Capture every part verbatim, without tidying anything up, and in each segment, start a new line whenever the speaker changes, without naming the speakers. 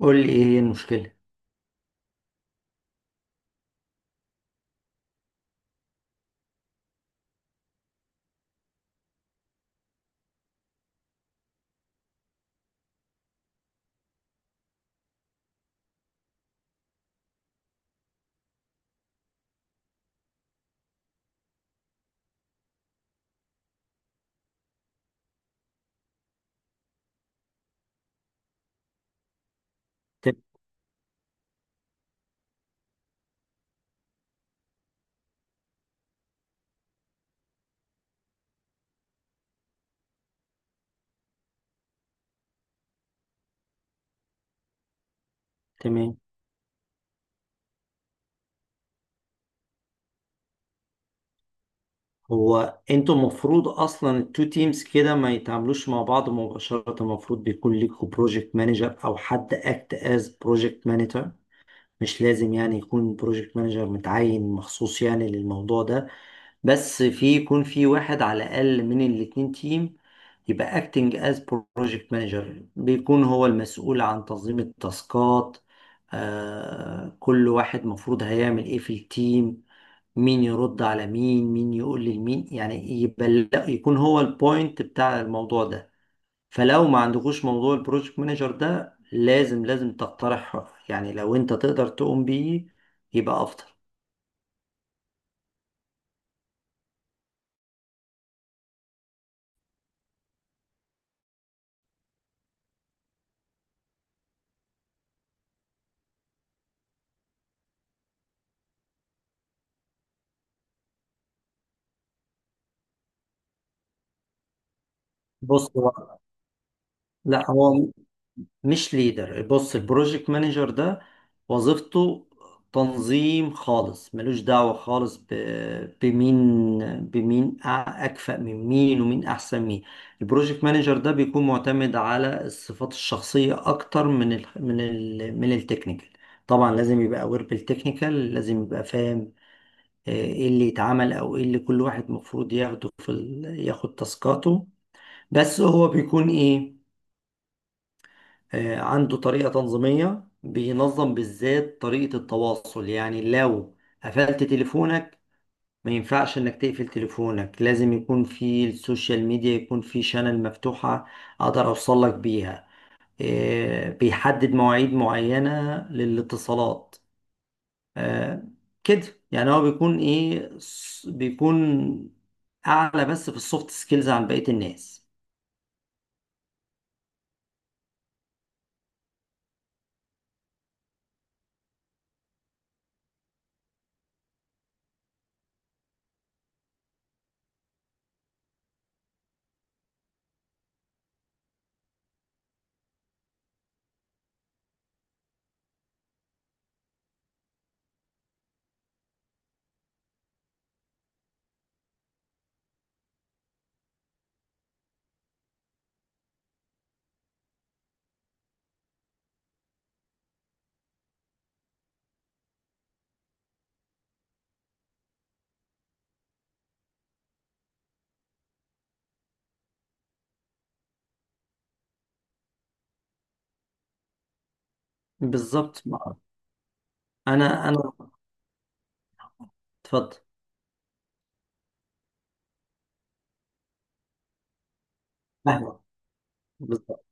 قول لي ايه هي المشكله؟ ت- تمام. هو انتوا المفروض اصلا التو تيمز كده ما يتعاملوش مع بعض مباشره، المفروض بيكون ليكوا بروجكت مانجر او حد اكت از بروجكت مانجر. مش لازم يعني يكون بروجكت مانجر متعين مخصوص يعني للموضوع ده، بس في يكون في واحد على الأقل من الاتنين تيم يبقى acting as project manager، بيكون هو المسؤول عن تنظيم التاسكات، آه كل واحد مفروض هيعمل ايه في التيم، مين يرد على مين، مين يقول لمين، يعني يبقى لا- يكون هو البوينت بتاع الموضوع ده. فلو ما عندكوش موضوع البروجكت مانجر ده لازم لازم تقترح، يعني لو انت تقدر تقوم بيه يبقى افضل. بص هو، لا هو مش ليدر، بص البروجكت مانجر ده وظيفته تنظيم خالص، ملوش دعوة خالص ب... بمين، بمين أع- أكفأ من مين ومين أحسن مين. البروجكت مانجر ده بيكون معتمد على الصفات الشخصية أكتر من ال... من ال... من التكنيكال. طبعا لازم يبقى أوير بالتكنيكال، لازم يبقى فاهم آه، ايه اللي يتعمل او ايه اللي كل واحد مفروض ياخده في ال... ياخد تاسكاته. بس هو بيكون ايه؟ آه، عنده طريقة تنظيمية، بينظم بالذات طريقة التواصل. يعني لو قفلت تليفونك، ما ينفعش انك تقفل تليفونك، لازم يكون في السوشيال ميديا، يكون في شانل مفتوحة اقدر اوصل لك بيها. آه، بيحدد مواعيد معينة للاتصالات. آه، كده يعني هو بيكون ايه، س- بيكون اعلى بس في السوفت سكيلز عن بقية الناس. بالظبط. انا انا اتفضل. أهلا. بالظبط.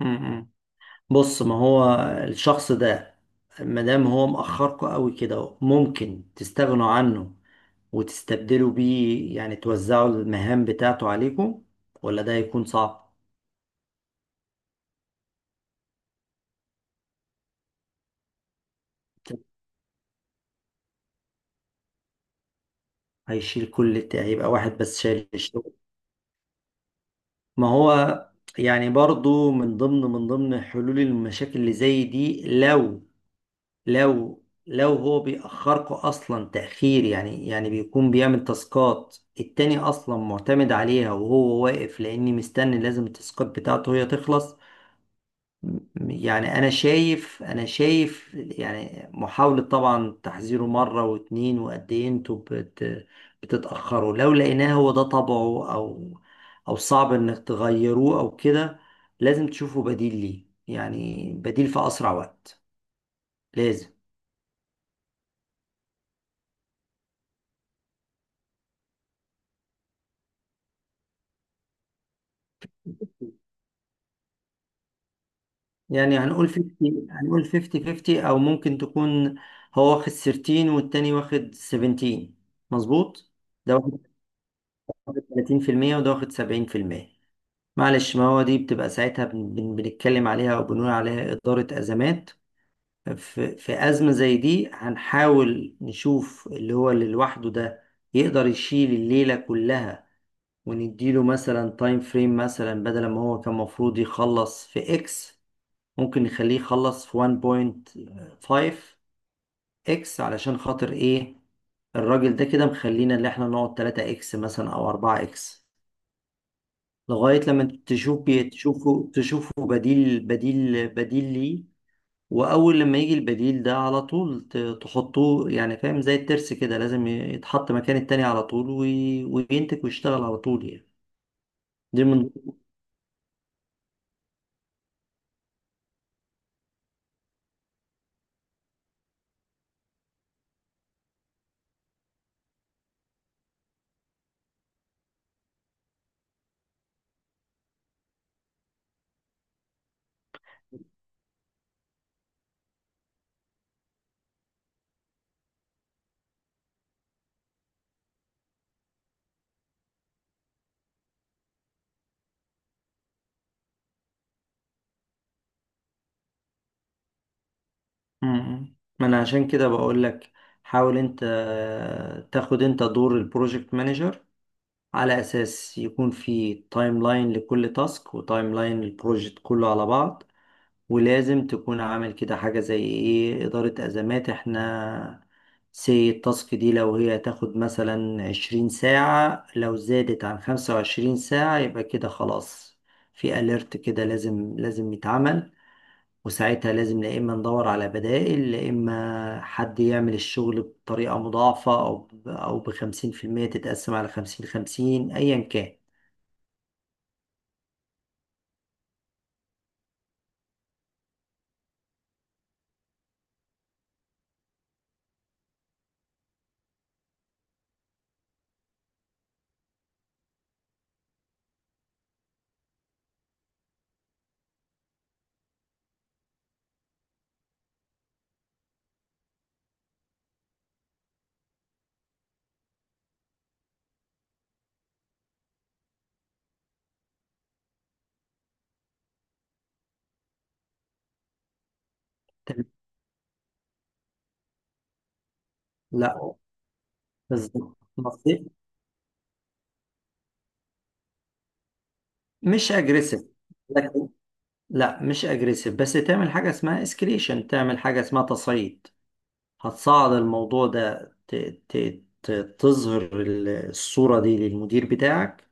م- م. بص، ما هو الشخص ده مادام هو مأخركوا قوي كده، ممكن تستغنوا عنه وتستبدلوا بيه، يعني توزعوا المهام بتاعته عليكم، ولا ده هيكون صعب؟ هيشيل كل الت- هيبقى واحد بس شايل الشغل. ما هو يعني برضو من ضمن من ضمن حلول المشاكل اللي زي دي، لو لو لو هو بيأخركوا أصلا تأخير، يعني يعني بيكون بيعمل تاسكات التاني أصلا معتمد عليها وهو واقف، لأني مستني لازم التاسكات بتاعته هي تخلص. م- يعني أنا شايف، أنا شايف يعني محاولة طبعا تحذيره مرة واتنين وقد إيه أنتوا بت بتتأخروا، لو لقيناه هو ده طبعه، أو أو صعب إنك تغيروه أو كده، لازم تشوفوا بديل ليه، يعني بديل في أسرع وقت، لازم. يعني هنقول خمسين، هنقول خمسين خمسين، او ممكن تكون هو واخد تلاتاشر والتاني واخد سبعتاشر، مظبوط، ده واخد تلاتين بالمية وده واخد سبعين في المية. معلش، ما هو دي بتبقى ساعتها بن- بن- بنتكلم عليها او بنقول عليها إدارة أزمات. في في أزمة زي دي هنحاول نشوف اللي هو اللي لوحده ده يقدر يشيل الليلة كلها، ونديله مثلا تايم فريم مثلا بدل ما هو كان المفروض يخلص في اكس، ممكن نخليه يخلص في واحد ونص اكس. علشان خاطر ايه؟ الراجل ده كده مخلينا اللي احنا نقعد ثلاثة اكس مثلا او اربعة اكس لغاية لما تشوف بي تشوفه تشوفه بديل، بديل بديل ليه. واول لما يجي البديل ده على طول ت- تحطوه، يعني فاهم؟ زي الترس كده، لازم يتحط مكان التاني على طول وي- وينتج ويشتغل على طول يعني. دي من مم. ما انا عشان كده بقول لك، حاول انت تاخد انت دور البروجكت مانجر، على أساس يكون في تايم لاين لكل تاسك وتايم لاين للبروجكت كله على بعض. ولازم تكون عامل كده حاجة زي إيه، إدارة أزمات. إحنا سي التاسك دي لو هي تاخد مثلا عشرين ساعة، لو زادت عن خمسة وعشرين ساعة يبقى كده خلاص، في أليرت كده لازم لازم يتعمل. وساعتها لازم لا اما ندور على بدائل، لا اما حد يعمل الشغل بطريقة مضاعفة او ب- او بخمسين في المية تتقسم على خمسين خمسين، ايا كان. تمام. لا، بالظبط مصرف. مش اجريسيف لكن، لا مش اجريسيف، بس تعمل حاجة اسمها اسكليشن، تعمل حاجة اسمها تصعيد. هتصعد الموضوع ده ت... ت... ت- تظهر ال- الصورة دي للمدير بتاعك،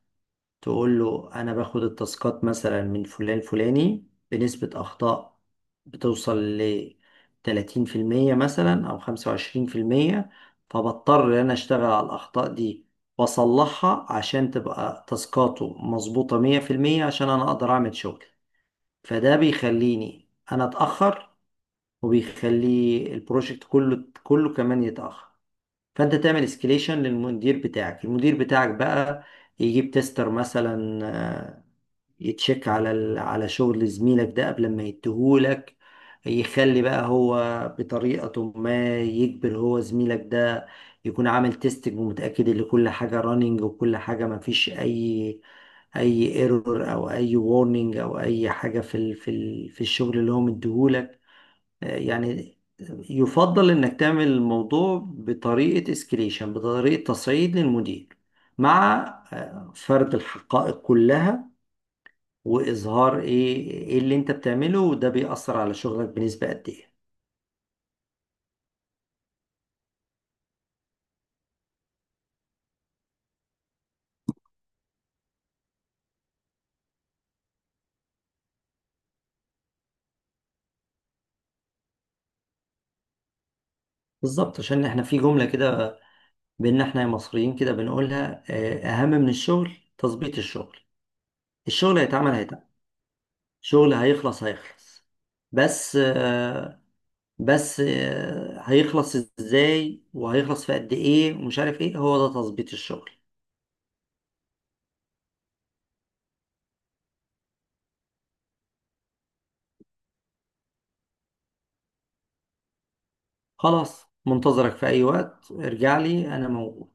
تقول له انا باخد التاسكات مثلا من فلان فلاني بنسبة اخطاء بتوصل ل تلاتين بالمية مثلا او خمسة وعشرين في المية، فبضطر ان انا اشتغل على الاخطاء دي واصلحها عشان تبقى تاسكاته مظبوطة مئة في المية، عشان انا اقدر اعمل شغل. فده بيخليني انا اتاخر، وبيخلي البروجكت كله كله كمان يتاخر. فانت تعمل اسكليشن للمدير بتاعك. المدير بتاعك بقى يجيب تيستر مثلا، آه، يتشيك على ال... على شغل زميلك ده قبل ما يديهولك، يخلي بقى هو بطريقة ما يجبر هو زميلك ده يكون عامل تيستنج ومتأكد ان كل حاجة رانينج، وكل حاجة ما فيش اي اي ايرور او اي وارنينج او اي حاجة في ال... في ال... في الشغل اللي هو مديهولك. آه، يعني يفضل انك تعمل الموضوع بطريقة اسكليشن، بطريقة تصعيد للمدير، مع آه، فرد الحقائق كلها، واظهار ايه ايه اللي انت بتعمله وده بيأثر على شغلك بنسبة قد ايه. بالظبط، عشان احنا في جملة كده بينا احنا مصريين كده بنقولها، آه، اهم من الشغل تظبيط الشغل. الشغل هيتعمل هيتعمل، الشغل هيخلص هيخلص، بس آه، بس آه، هيخلص ازاي وهيخلص في قد ايه ومش عارف ايه، هو ده تظبيط الشغل. خلاص، منتظرك في اي وقت ارجع لي انا موجود.